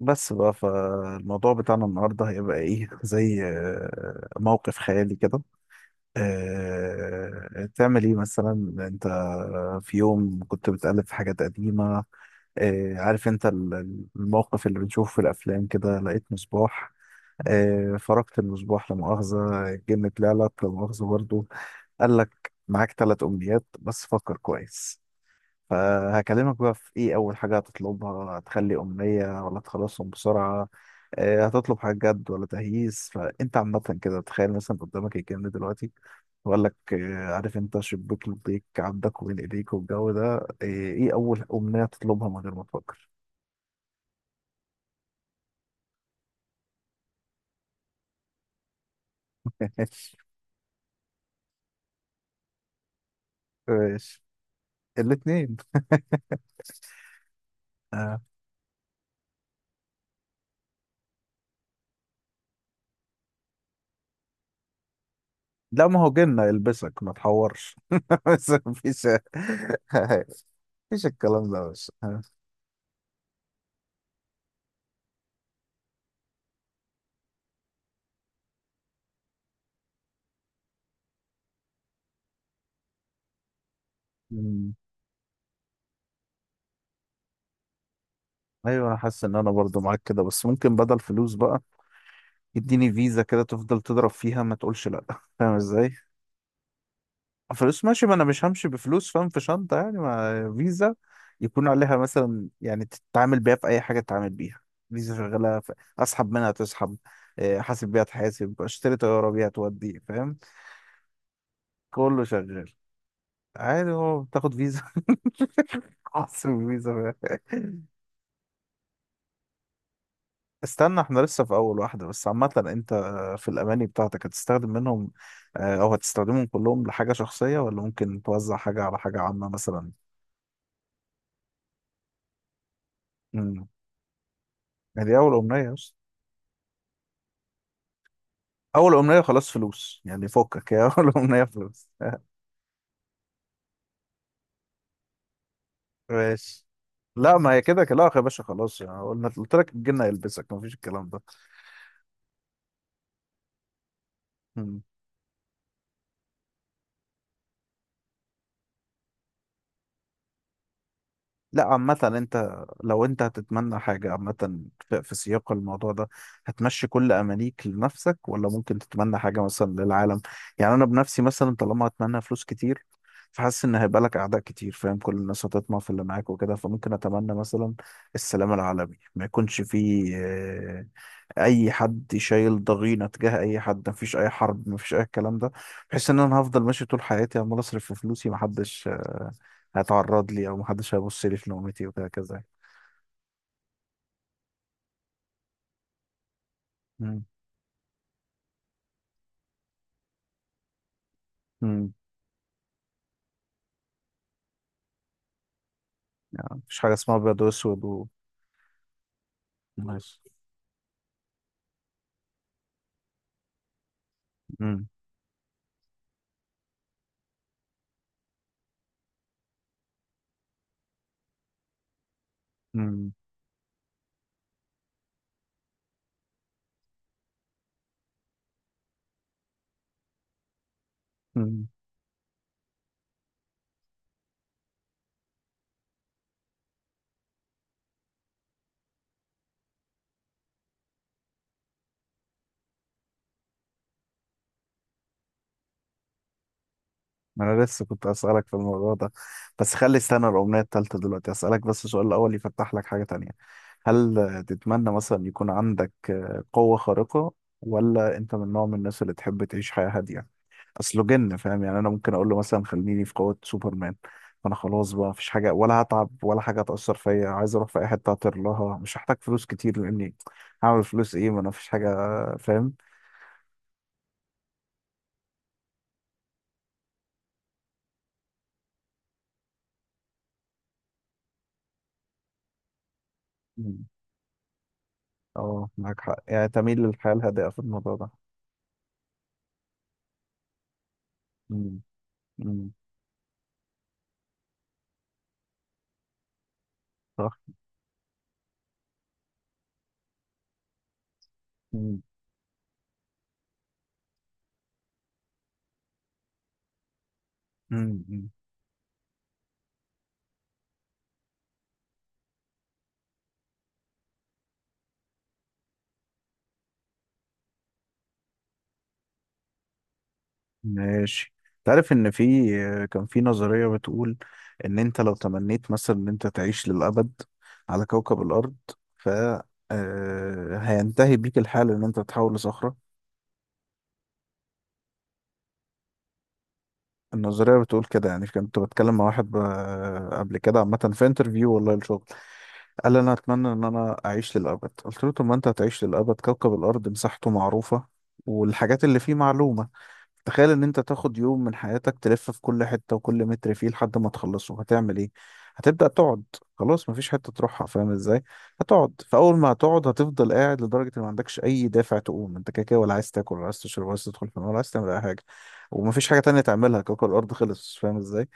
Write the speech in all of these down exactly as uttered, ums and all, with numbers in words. بس بقى فالموضوع بتاعنا النهارده هيبقى ايه زي آه، موقف خيالي كده. آه، تعمل ايه مثلا؟ انت. في يوم كنت بتقلب في حاجات قديمة. آه، عارف انت ال- الموقف اللي بنشوفه في الافلام كده لقيت مصباح. آه، فرقت المصباح لا مؤاخذة الجن طلع لك لا مؤاخذة برضه. قال لك معاك ثلاث امنيات بس فكر كويس. فهكلمك بقى في ايه اول حاجة هتطلبها، هتخلي أمنية ولا تخلصهم بسرعة؟ آه، هتطلب حاجة جد ولا تهييس؟ فانت عامة كده تخيل مثلا قدامك الكلام ده دلوقتي. بقول لك آه، عارف انت شباك لبيك عندك وبين ايديك والجو ده، آه، ايه اول أمنية تطلبها من غير ما تفكر؟ ماشي. ماشي. الاتنين. آه. لا ما هو جنة يلبسك ما تحورش. بس مفيش. مفيش الكلام ده بس. ايوه، انا حاسس ان انا برضو معاك كده، بس ممكن بدل فلوس بقى اديني فيزا كده تفضل تضرب فيها ما تقولش لا. فاهم ازاي؟ فلوس ماشي، ما انا مش همشي بفلوس فاهم؟ في شنطة يعني ما فيزا يكون عليها مثلا يعني تتعامل بيها في اي حاجة تتعامل بيها. فيزا شغالة في... اسحب منها تسحب، آه، احاسب بيها تحاسب، اشتري طيارة بيها تودي، فاهم؟ كله شغال. عادي هو بتاخد فيزا. عصر فيزا. استنى احنا لسه في اول واحدة. بس عامة انت، آه، في الاماني بتاعتك هتستخدم منهم، آه، او هتستخدمهم كلهم لحاجة شخصية، ولا ممكن توزع حاجة على حاجة عامة مثلا؟ امم. دي اول امنية بس. اول امنية خلاص فلوس، يعني فكك يا اول امنية فلوس. ماشي. لا ما هي كده كده، لا يا باشا خلاص يعني قلنا قلت لك الجن هيلبسك مفيش الكلام ده. مم. لا عامة انت، لو انت هتتمنى حاجة عامة في في سياق الموضوع ده، هتمشي كل امانيك لنفسك، ولا ممكن تتمنى حاجة مثلا للعالم؟ يعني انا بنفسي مثلا طالما هتمنى فلوس كتير، فحاسس ان هيبقى لك اعداء كتير فاهم؟ كل الناس هتطمع في اللي معاك وكده. فممكن اتمنى مثلا السلام العالمي، ما يكونش فيه آه، اي حد شايل ضغينة تجاه اي حد، ما فيش اي حرب، ما فيش اي الكلام ده. بحيث ان انا هفضل ماشي طول حياتي عمال اصرف في فلوسي، محدش هيتعرض لي او محدش هيبص لي في نومتي وهكذا. مم. مم. يعني مفيش حاجه اسمها ابيض واسود و... ماشي. مم. مم. مم. ما انا لسه كنت اسالك في الموضوع ده، بس خلي استنى الاغنيه التالتة، دلوقتي اسالك بس السؤال الاول يفتح لك حاجه تانية. هل آه، تتمنى مثلا يكون عندك آه، قوه خارقه، ولا انت من نوع من الناس اللي تحب تعيش حياه هاديه؟ اصله جن فاهم؟ يعني انا ممكن اقول له مثلا خليني في قوة سوبرمان، فانا خلاص بقى مفيش حاجة، ولا هتعب، ولا حاجة هتأثر فيا، عايز اروح في اي حتة هطير لها، مش هحتاج فلوس كتير لاني هعمل فلوس ايه ما انا مفيش حاجة، فاهم؟ مم. اه معاك حق، يعني تميل للحياة الهادئة في الموضوع ده. مم. مم. صح. مم. مم. مم. ماشي. تعرف ان في، كان في نظرية بتقول ان انت لو تمنيت مثلا ان انت تعيش للأبد على كوكب الأرض، ف آه، هينتهي بيك الحال ان انت تتحول لصخرة. النظرية بتقول كده. يعني كنت بتكلم مع واحد ب- قبل كده عامة في انترفيو والله الشغل، قال انا اتمنى ان انا اعيش للأبد. قلت له طب ما انت هتعيش للأبد، كوكب الأرض مساحته معروفة والحاجات اللي فيه معلومة. تخيل ان انت تاخد يوم من حياتك تلف في كل حتة وكل متر فيه، لحد ما تخلصه هتعمل ايه؟ هتبدأ تقعد. خلاص مفيش حتة تروحها فاهم ازاي؟ هتقعد. فاول ما هتقعد هتفضل قاعد لدرجة ان ما عندكش اي دافع تقوم، انت كده كده ولا عايز تاكل ولا عايز تشرب ولا عايز تدخل في النار ولا عايز تعمل اي حاجة، ومفيش حاجة تانية تعملها، كوكب الارض خلص فاهم ازاي؟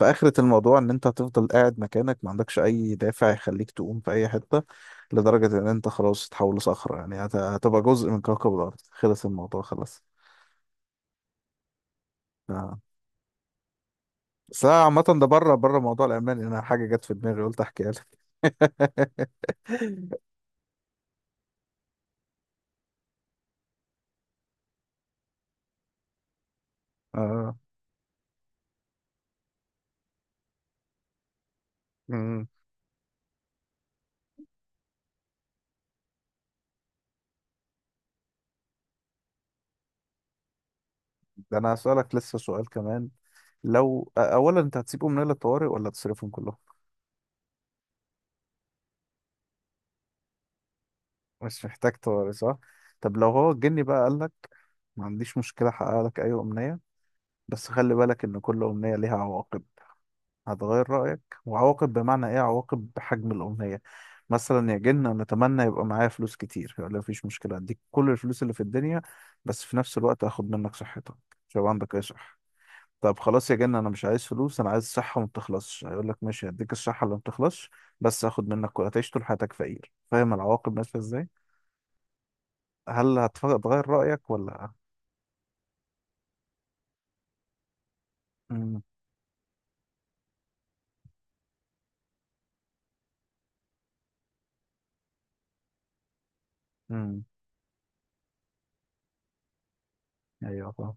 فآخرة الموضوع ان انت هتفضل قاعد مكانك، ما عندكش اي دافع يخليك تقوم في اي حتة، لدرجة ان انت خلاص تتحول لصخرة، يعني هت- هتبقى جزء من كوكب الارض، خلص الموضوع خلاص. آه. بس أنا عامة ده بره بره موضوع الألماني، أنا حاجة جت في دماغي قلت أحكيها لك. آه. أمم. ده أنا هسألك لسه سؤال كمان. لو أ- أولا أنت هتسيبهم نايل الطوارئ ولا تصرفهم كلهم؟ مش محتاج طوارئ صح؟ طب لو هو الجني بقى قال لك ما عنديش مشكلة أحقق لك أي أمنية، بس خلي بالك إن كل أمنية ليها عواقب، هتغير رأيك؟ وعواقب بمعنى ايه؟ عواقب بحجم الأمنية. مثلا يا جن أنا أتمنى يبقى معايا فلوس كتير، يقول لي مفيش مشكلة أديك كل الفلوس اللي في الدنيا، بس في نفس الوقت هاخد منك صحتك، مش هيبقى عندك أي صحة. طب خلاص يا جن أنا مش عايز فلوس، أنا عايز صحة ما بتخلصش، هيقول لك ماشي هديك الصحة اللي ما بتخلصش، بس هاخد منك كل، هتعيش طول حياتك فقير، فاهم العواقب ماشية ازاي؟ هل هتغير رأيك ولا؟ امم. امم. أيوه فاهم.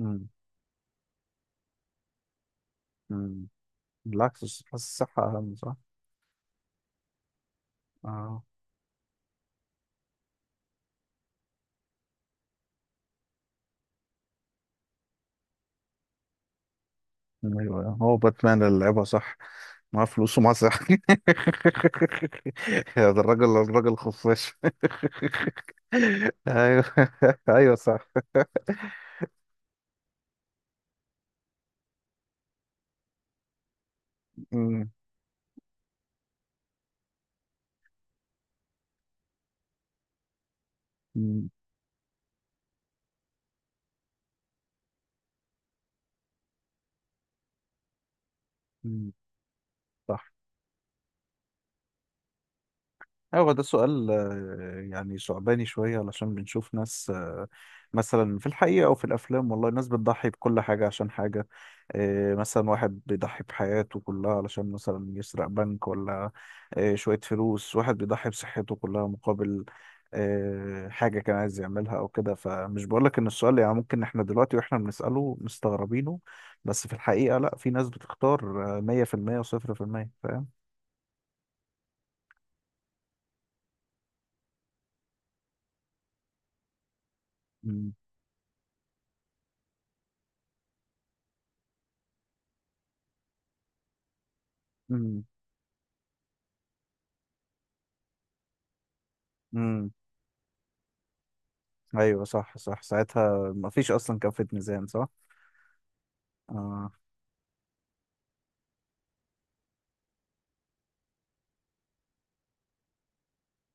امم. امم. بالعكس، حاسس الصحة أهم صح؟ اه. ايوه هو باتمان اللي لعبها صح، معاه فلوس ومعاه صح. يا ده الراجل الراجل خفاش. ايوه. ايوه صح. أمم، أمم، أمم، صح. أيوة، هو ده سؤال آه، يعني صعباني شوية، علشان بنشوف ناس آه، مثلا في الحقيقة أو في الأفلام والله، ناس بتضحي بكل حاجة عشان حاجة. آه، مثلا واحد بيضحي بحياته كلها علشان مثلا يسرق بنك، ولا آه، شوية فلوس. واحد بيضحي بصحته كلها مقابل آه، حاجة كان عايز يعملها أو كده. فمش بقولك إن السؤال يعني ممكن إحنا دلوقتي وإحنا بنسأله مستغربينه، بس في الحقيقة لأ، في ناس بتختار آه، مية في المية وصفر في المية، فاهم؟ مم. مم. ايوه صح صح، ساعتها ما فيش اصلا كفة ميزان صح. آه.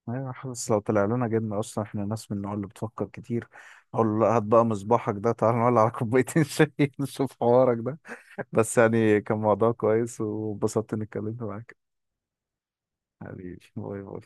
ايوه حاسس لو طلع لنا جبنة اصلا احنا ناس من النوع اللي بتفكر كتير، اقول له لا هات بقى مصباحك ده، تعال نولع على كوبايتين شاي نشوف حوارك ده. بس يعني كان موضوع كويس وانبسطت اني اتكلمت معاك. حبيبي باي باي.